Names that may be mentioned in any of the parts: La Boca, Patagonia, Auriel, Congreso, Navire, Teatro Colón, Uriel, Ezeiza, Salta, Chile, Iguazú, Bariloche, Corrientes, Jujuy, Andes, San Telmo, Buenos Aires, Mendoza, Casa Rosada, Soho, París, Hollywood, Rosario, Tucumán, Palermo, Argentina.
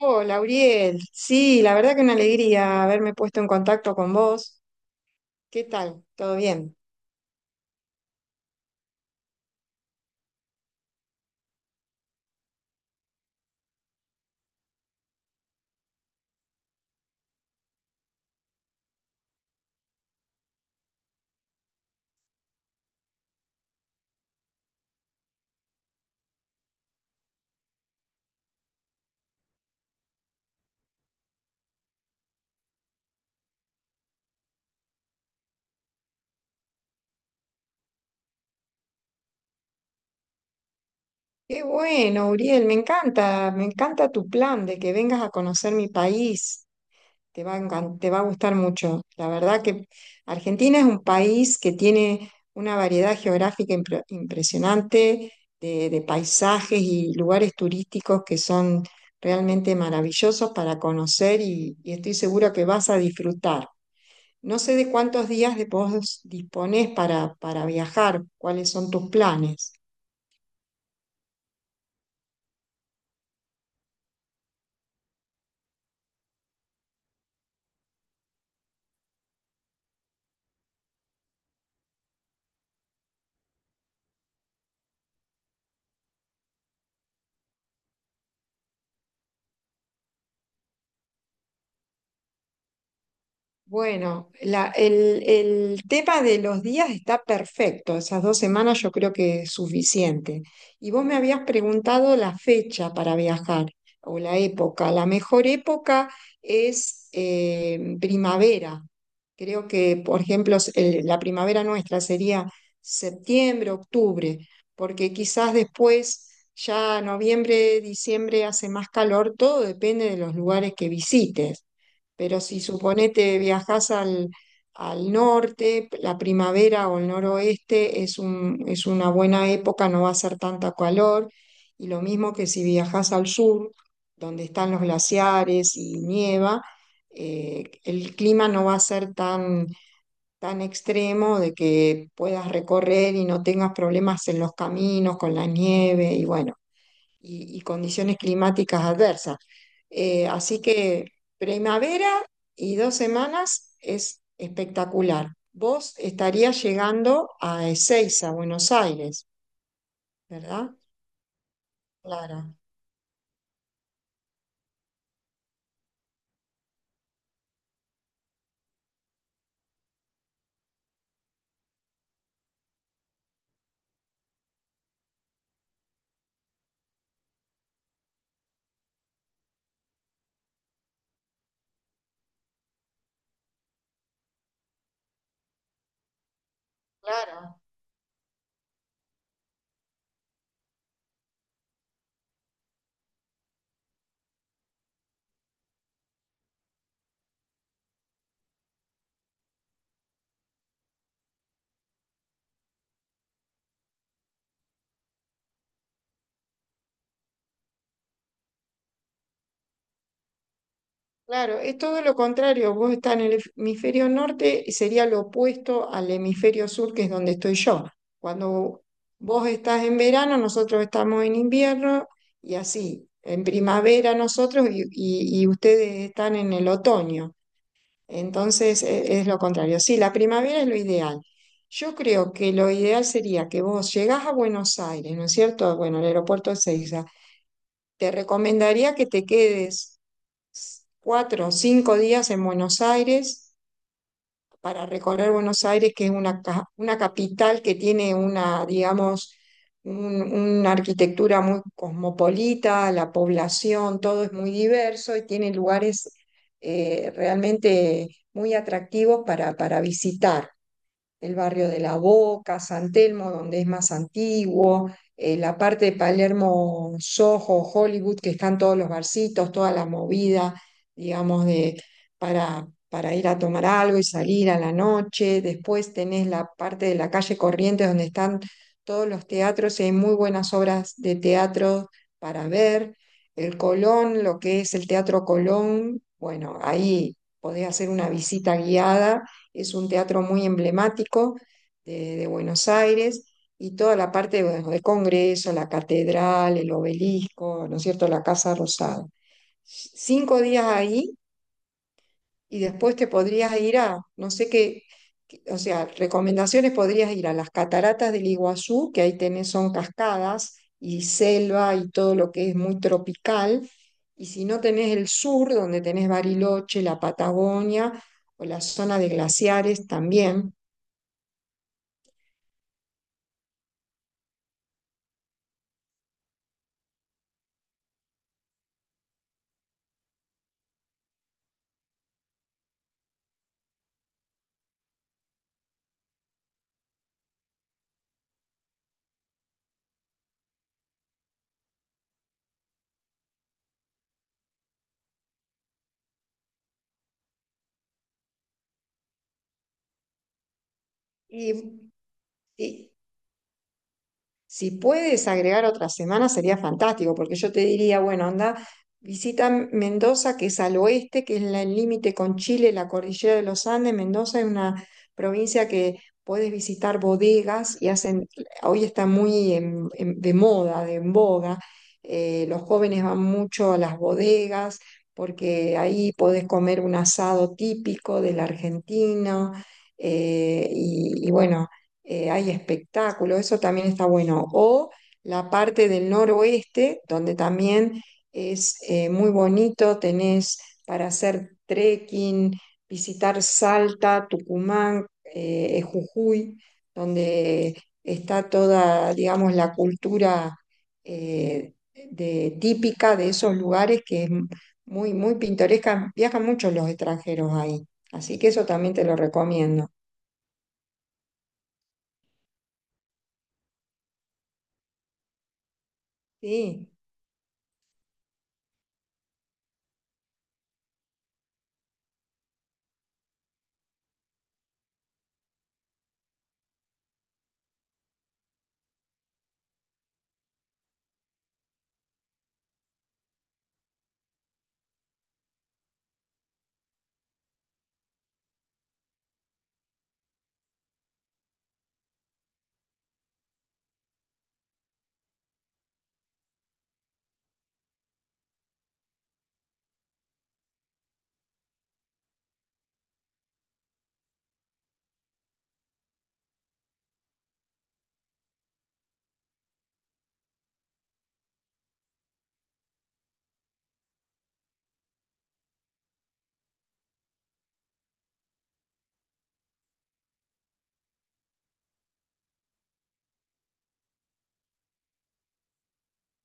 Hola, Auriel. Sí, la verdad que una alegría haberme puesto en contacto con vos. ¿Qué tal? ¿Todo bien? Qué bueno, Uriel, me encanta tu plan de que vengas a conocer mi país. Te va a gustar mucho. La verdad que Argentina es un país que tiene una variedad geográfica impresionante de paisajes y lugares turísticos que son realmente maravillosos para conocer y estoy segura que vas a disfrutar. No sé de cuántos días de vos disponés para viajar, cuáles son tus planes. Bueno, el tema de los días está perfecto. Esas dos semanas yo creo que es suficiente. Y vos me habías preguntado la fecha para viajar o la época. La mejor época es primavera. Creo que, por ejemplo, la primavera nuestra sería septiembre, octubre, porque quizás después, ya noviembre, diciembre hace más calor. Todo depende de los lugares que visites. Pero si suponete al norte, la primavera o el noroeste es una buena época, no va a ser tanta calor. Y lo mismo que si viajas al sur, donde están los glaciares y nieva, el clima no va a ser tan extremo de que puedas recorrer y no tengas problemas en los caminos con la nieve. Y bueno, y condiciones climáticas adversas. Así que primavera y dos semanas es espectacular. Vos estarías llegando a Ezeiza, Buenos Aires, ¿verdad? Claro, claro. Claro, es todo lo contrario. Vos estás en el hemisferio norte y sería lo opuesto al hemisferio sur, que es donde estoy yo. Cuando vos estás en verano, nosotros estamos en invierno y así, en primavera nosotros y ustedes están en el otoño. Entonces lo contrario. Sí, la primavera es lo ideal. Yo creo que lo ideal sería que vos llegás a Buenos Aires, ¿no es cierto? Bueno, el aeropuerto de Ezeiza. Te recomendaría que te quedes cuatro o cinco días en Buenos Aires para recorrer Buenos Aires, que es una capital que tiene una, digamos, una arquitectura muy cosmopolita, la población, todo es muy diverso y tiene lugares realmente muy atractivos para visitar el barrio de La Boca, San Telmo, donde es más antiguo, la parte de Palermo, Soho, Hollywood, que están todos los barcitos, toda la movida, digamos, para ir a tomar algo y salir a la noche. Después tenés la parte de la calle Corrientes, donde están todos los teatros y hay muy buenas obras de teatro para ver. El Colón, lo que es el Teatro Colón, bueno, ahí podés hacer una visita guiada, es un teatro muy emblemático de Buenos Aires y toda la parte bueno, de Congreso, la catedral, el obelisco, ¿no es cierto?, la Casa Rosada. Cinco días ahí y después te podrías ir a, no sé qué, o sea, recomendaciones, podrías ir a las cataratas del Iguazú, que ahí tenés, son cascadas y selva y todo lo que es muy tropical. Y si no tenés el sur, donde tenés Bariloche, la Patagonia o la zona de glaciares también. Y, y si puedes agregar otra semana sería fantástico, porque yo te diría, bueno, anda, visita Mendoza, que es al oeste, que es el límite con Chile, la cordillera de los Andes. Mendoza es una provincia que puedes visitar bodegas y hacen, hoy está muy de moda, de en boga. Los jóvenes van mucho a las bodegas porque ahí podés comer un asado típico del argentino. eh, y y bueno Hay espectáculos, eso también está bueno. O la parte del noroeste, donde también es muy bonito, tenés para hacer trekking, visitar Salta, Tucumán, Jujuy, donde está toda, digamos, la cultura eh, típica de esos lugares que es muy, muy pintoresca. Viajan muchos los extranjeros ahí, así que eso también te lo recomiendo. Sí.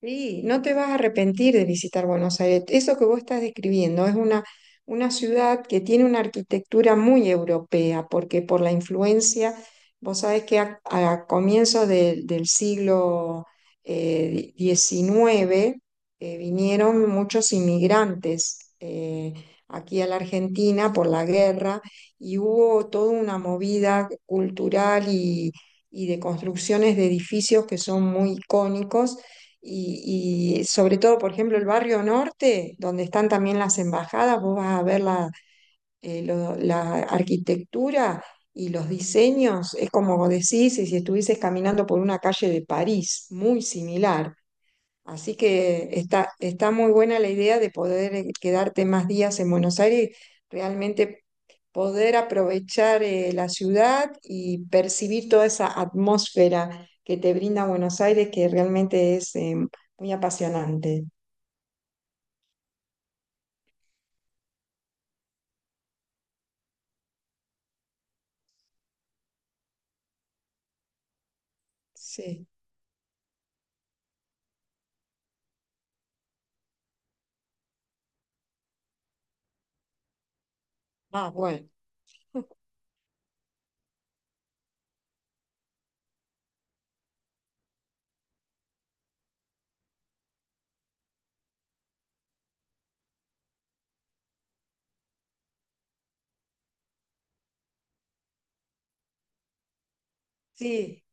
Sí, no te vas a arrepentir de visitar Buenos Aires. Eso que vos estás describiendo es una ciudad que tiene una arquitectura muy europea, porque por la influencia, vos sabés que a comienzos del siglo XIX, vinieron muchos inmigrantes aquí a la Argentina por la guerra y hubo toda una movida cultural y de construcciones de edificios que son muy icónicos y sobre todo, por ejemplo, el barrio norte, donde están también las embajadas, vos vas a ver la, la arquitectura y los diseños, es como vos decís, y si estuvieses caminando por una calle de París, muy similar. Así que está muy buena la idea de poder quedarte más días en Buenos Aires, realmente poder aprovechar la ciudad y percibir toda esa atmósfera que te brinda Buenos Aires, que realmente es muy apasionante. Sí. Ah, bueno. Sí.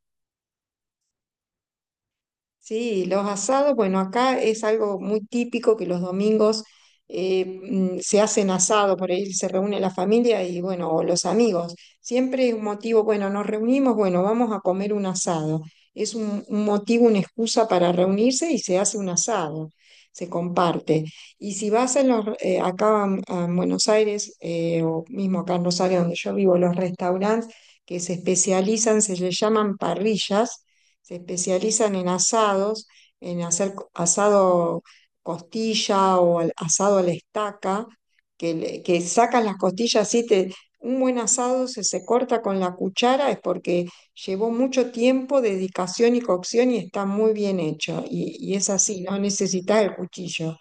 Sí, los asados, bueno, acá es algo muy típico que los domingos se hacen asados, por ahí se reúne la familia y bueno, o los amigos. Siempre es un motivo, bueno, nos reunimos, bueno, vamos a comer un asado. Es un motivo, una excusa para reunirse y se hace un asado, se comparte. Y si vas en los, en Buenos Aires, o mismo acá en Rosario, donde yo vivo, los restaurantes que se especializan, se les llaman parrillas, se especializan en asados, en hacer asado costilla asado a la estaca, que, que sacan las costillas así, te, un buen asado se corta con la cuchara es porque llevó mucho tiempo, dedicación y cocción y está muy bien hecho. Y es así, no necesitas el cuchillo.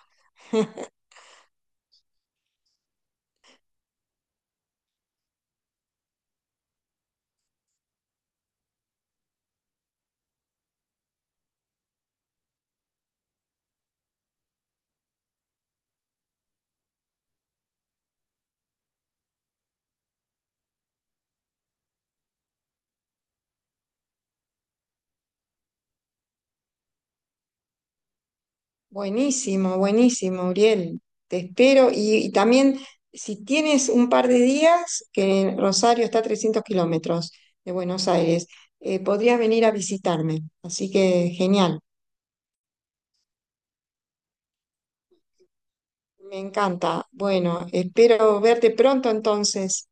Buenísimo, buenísimo, Uriel. Te espero. Y también, si tienes un par de días, que Rosario está a 300 kilómetros de Buenos Aires, podrías venir a visitarme. Así que genial, me encanta. Bueno, espero verte pronto entonces.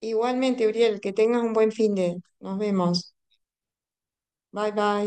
Igualmente, Uriel, que tengas un buen fin de. Nos vemos. Bye, bye.